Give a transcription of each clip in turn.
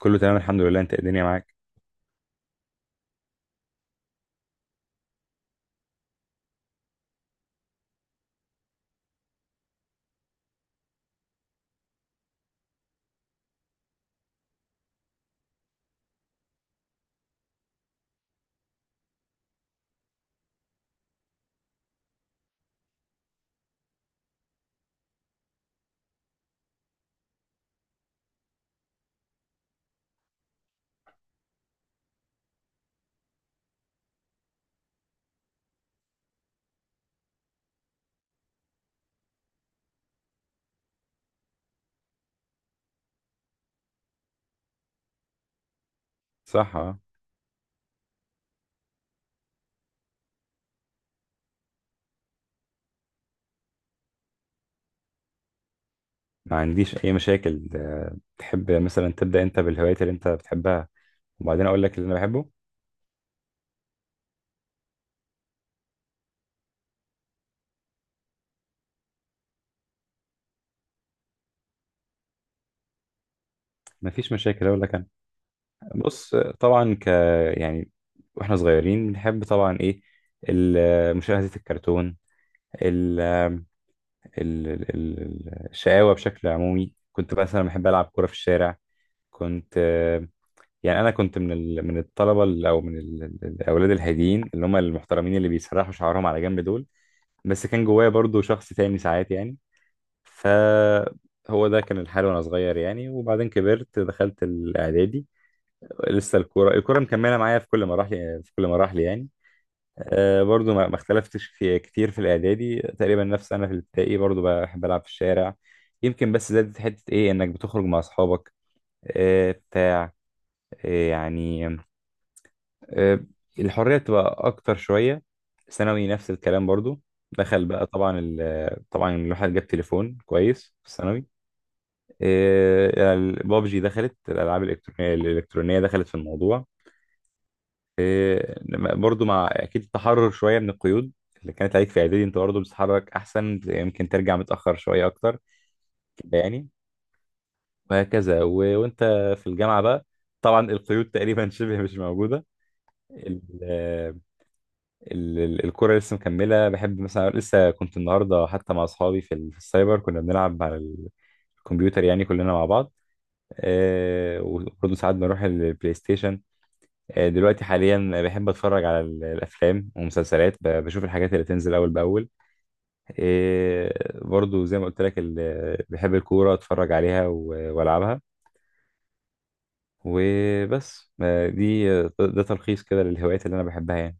كله تمام الحمد لله، انت الدنيا معاك. صح، اه. ما عنديش اي مشاكل، تحب مثلا تبدا انت بالهوايات اللي انت بتحبها وبعدين اقول لك اللي انا بحبه. ما فيش مشاكل، اقول لك انا. بص، طبعا ك يعني واحنا صغيرين بنحب طبعا ايه مشاهده الكرتون. ال... الشقاوه بشكل عمومي، كنت مثلا بحب العب كوره في الشارع. كنت آه، يعني انا كنت من من الطلبه ال- او من ال... ال- الاولاد الهاديين اللي هم المحترمين اللي بيسرحوا شعرهم على جنب دول. بس كان جوايا برضو شخص تاني ساعات يعني. فهو ده كان الحال وانا صغير يعني. وبعدين كبرت، دخلت الاعدادي. لسه الكوره، مكمله معايا في كل مراحل، يعني. أه برضو ما اختلفتش في كتير في الاعدادي، تقريبا نفس انا في الابتدائي، برضو بحب العب في الشارع. يمكن بس زادت حته ايه، انك بتخرج مع اصحابك. أه بتاع أه يعني آه، الحرية بتبقى أكتر شوية. ثانوي نفس الكلام برضو. دخل بقى طبعا طبعا الواحد جاب تليفون كويس في الثانوي. البابجي، دخلت الألعاب الإلكترونية، دخلت في الموضوع. برضو مع أكيد التحرر شوية من القيود اللي كانت عليك في إعدادي، أنت برضو بتتحرك أحسن، يمكن ترجع متأخر شوية أكتر كده يعني. وهكذا و... وأنت في الجامعة بقى، طبعا القيود تقريبا شبه مش موجودة. الكورة لسه مكملة، بحب مثلا لسه كنت النهاردة حتى مع أصحابي في السايبر كنا بنلعب على الكمبيوتر يعني كلنا مع بعض. آه وبرضه ساعات بنروح البلاي ستيشن. آه دلوقتي حاليا بحب أتفرج على الأفلام ومسلسلات، بشوف الحاجات اللي تنزل أول بأول. آه برضه زي ما قلت لك، بحب الكورة أتفرج عليها وألعبها وبس. آه دي، ده تلخيص كده للهوايات اللي أنا بحبها يعني.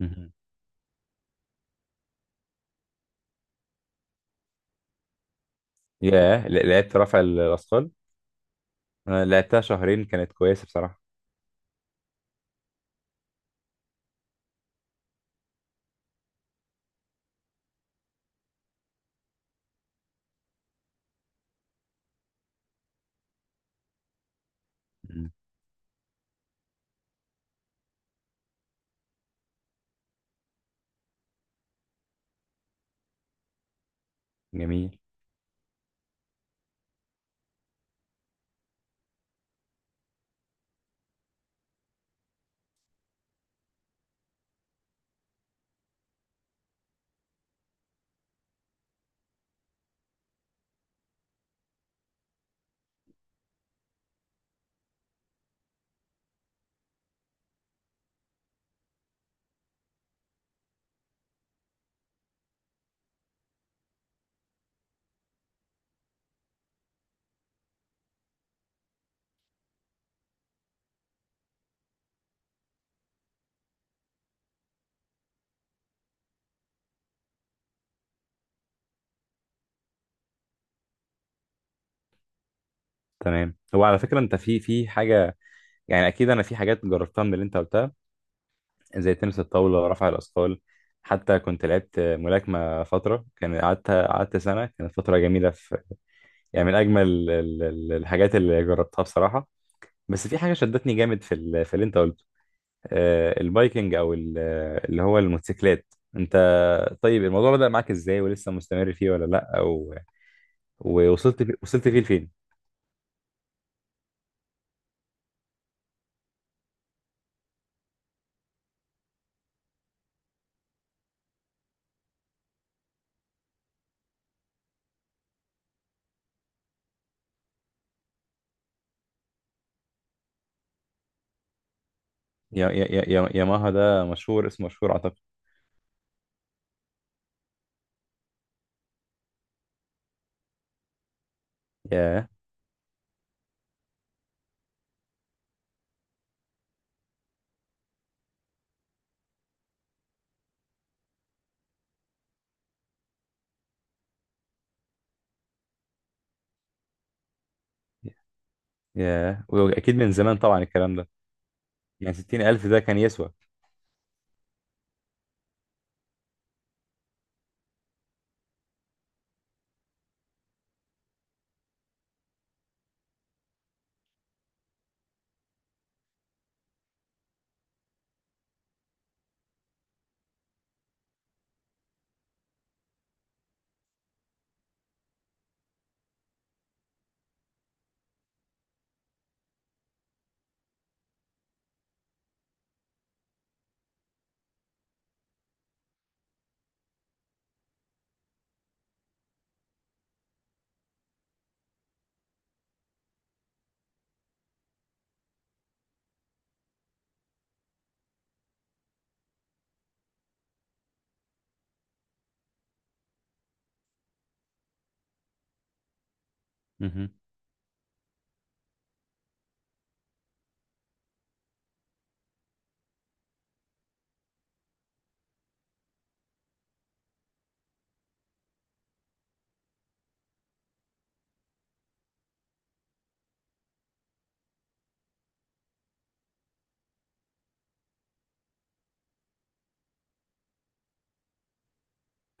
مهم. ياه، لعبت رفع الأثقال. أنا لعبتها شهرين، كانت كويسة بصراحة. مم. جميل. تمام. هو على فكرة انت في حاجة يعني، اكيد انا في حاجات جربتها من اللي انت قلتها، زي تنس الطاولة، رفع الاثقال. حتى كنت لعبت ملاكمة فترة، كان قعدت سنة، كانت فترة جميلة في، يعني من اجمل الحاجات اللي جربتها بصراحة. بس في حاجة شدتني جامد في اللي انت قلته. البايكنج، اللي هو الموتوسيكلات. انت، طيب الموضوع بدأ معاك ازاي، ولسه مستمر فيه ولا لا، او وصلت فيه لفين؟ يا يا يا يا ياماها ده مشهور، اسمه مشهور أعتقد. ياه. ياه، وأكيد من زمان طبعا الكلام ده. يعني ستين ألف ده كان يسوى. مهم.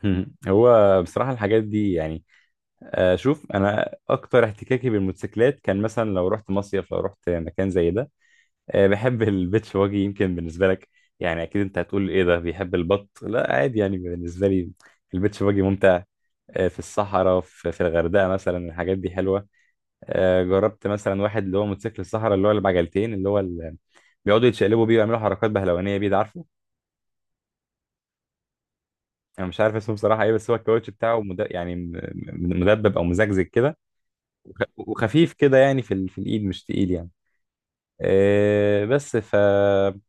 مهم. هو بصراحة الحاجات دي يعني، شوف أنا أكتر احتكاكي بالموتوسيكلات كان مثلا لو رحت مصيف، لو رحت مكان زي ده، بحب البيتش واجي، يمكن بالنسبة لك يعني أكيد أنت هتقول إيه ده بيحب البط، لا عادي يعني بالنسبة لي البيتش واجي ممتع. في الصحراء، في الغردقة مثلا، الحاجات دي حلوة. جربت مثلا واحد اللي هو موتوسيكل الصحراء اللي هو اللي بعجلتين اللي هو اللي بيقعدوا يتشقلبوا بيه ويعملوا حركات بهلوانيه بيه، ده عارفه. انا مش عارف اسمه بصراحه ايه، بس هو الكاوتش بتاعه مد... يعني م- م- مدبب او مزجزج كده، وخفيف كده يعني في الايد مش تقيل يعني. بس فجربته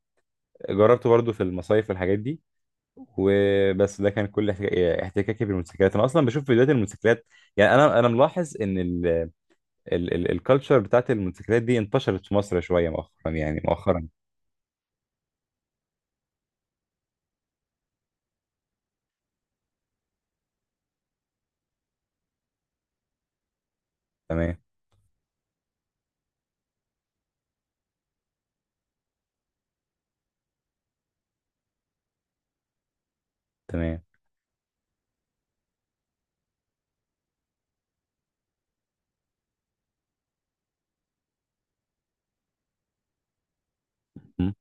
برضو في المصايف والحاجات دي وبس. ده كان كل احتكاكي بالموتوسيكلات. انا اصلا بشوف فيديوهات الموتوسيكلات يعني. انا ملاحظ ان الكالتشر بتاعت الموتوسيكلات دي انتشرت في مصر شويه مؤخرا، يعني مؤخرا. تمام. تمام. مم.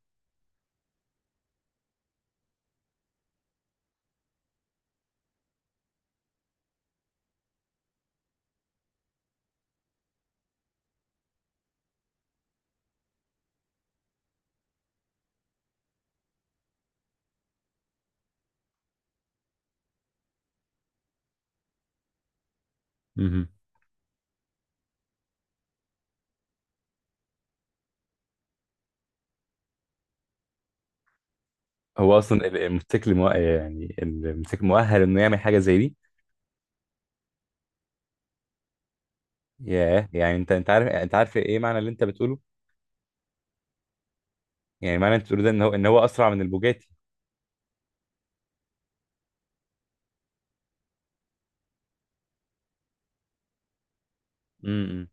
مم. هو اصلا الموتوسيكل مو... يعني الموتوسيكل مؤهل انه يعمل حاجه زي دي؟ ياه، يعني انت عارف، انت عارف ايه معنى اللي انت بتقوله؟ يعني معنى اللي انت بتقوله ده ان هو اسرع من البوجاتي. امم.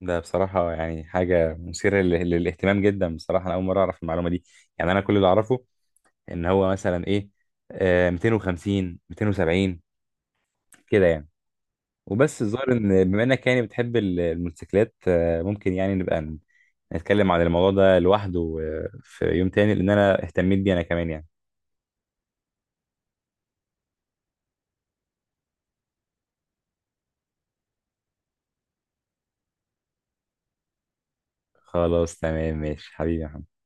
ده بصراحه يعني حاجه مثيره للاهتمام جدا بصراحه، انا اول مره اعرف المعلومه دي. يعني انا كل اللي اعرفه ان هو مثلا ايه، آه 250 270 كده يعني وبس. الظاهر ان بما انك يعني بتحب الموتوسيكلات، ممكن يعني نبقى نتكلم عن الموضوع ده لوحده في يوم تاني، لان انا اهتميت بيه انا كمان يعني. خلاص تمام، ماشي حبيبي يا محمد.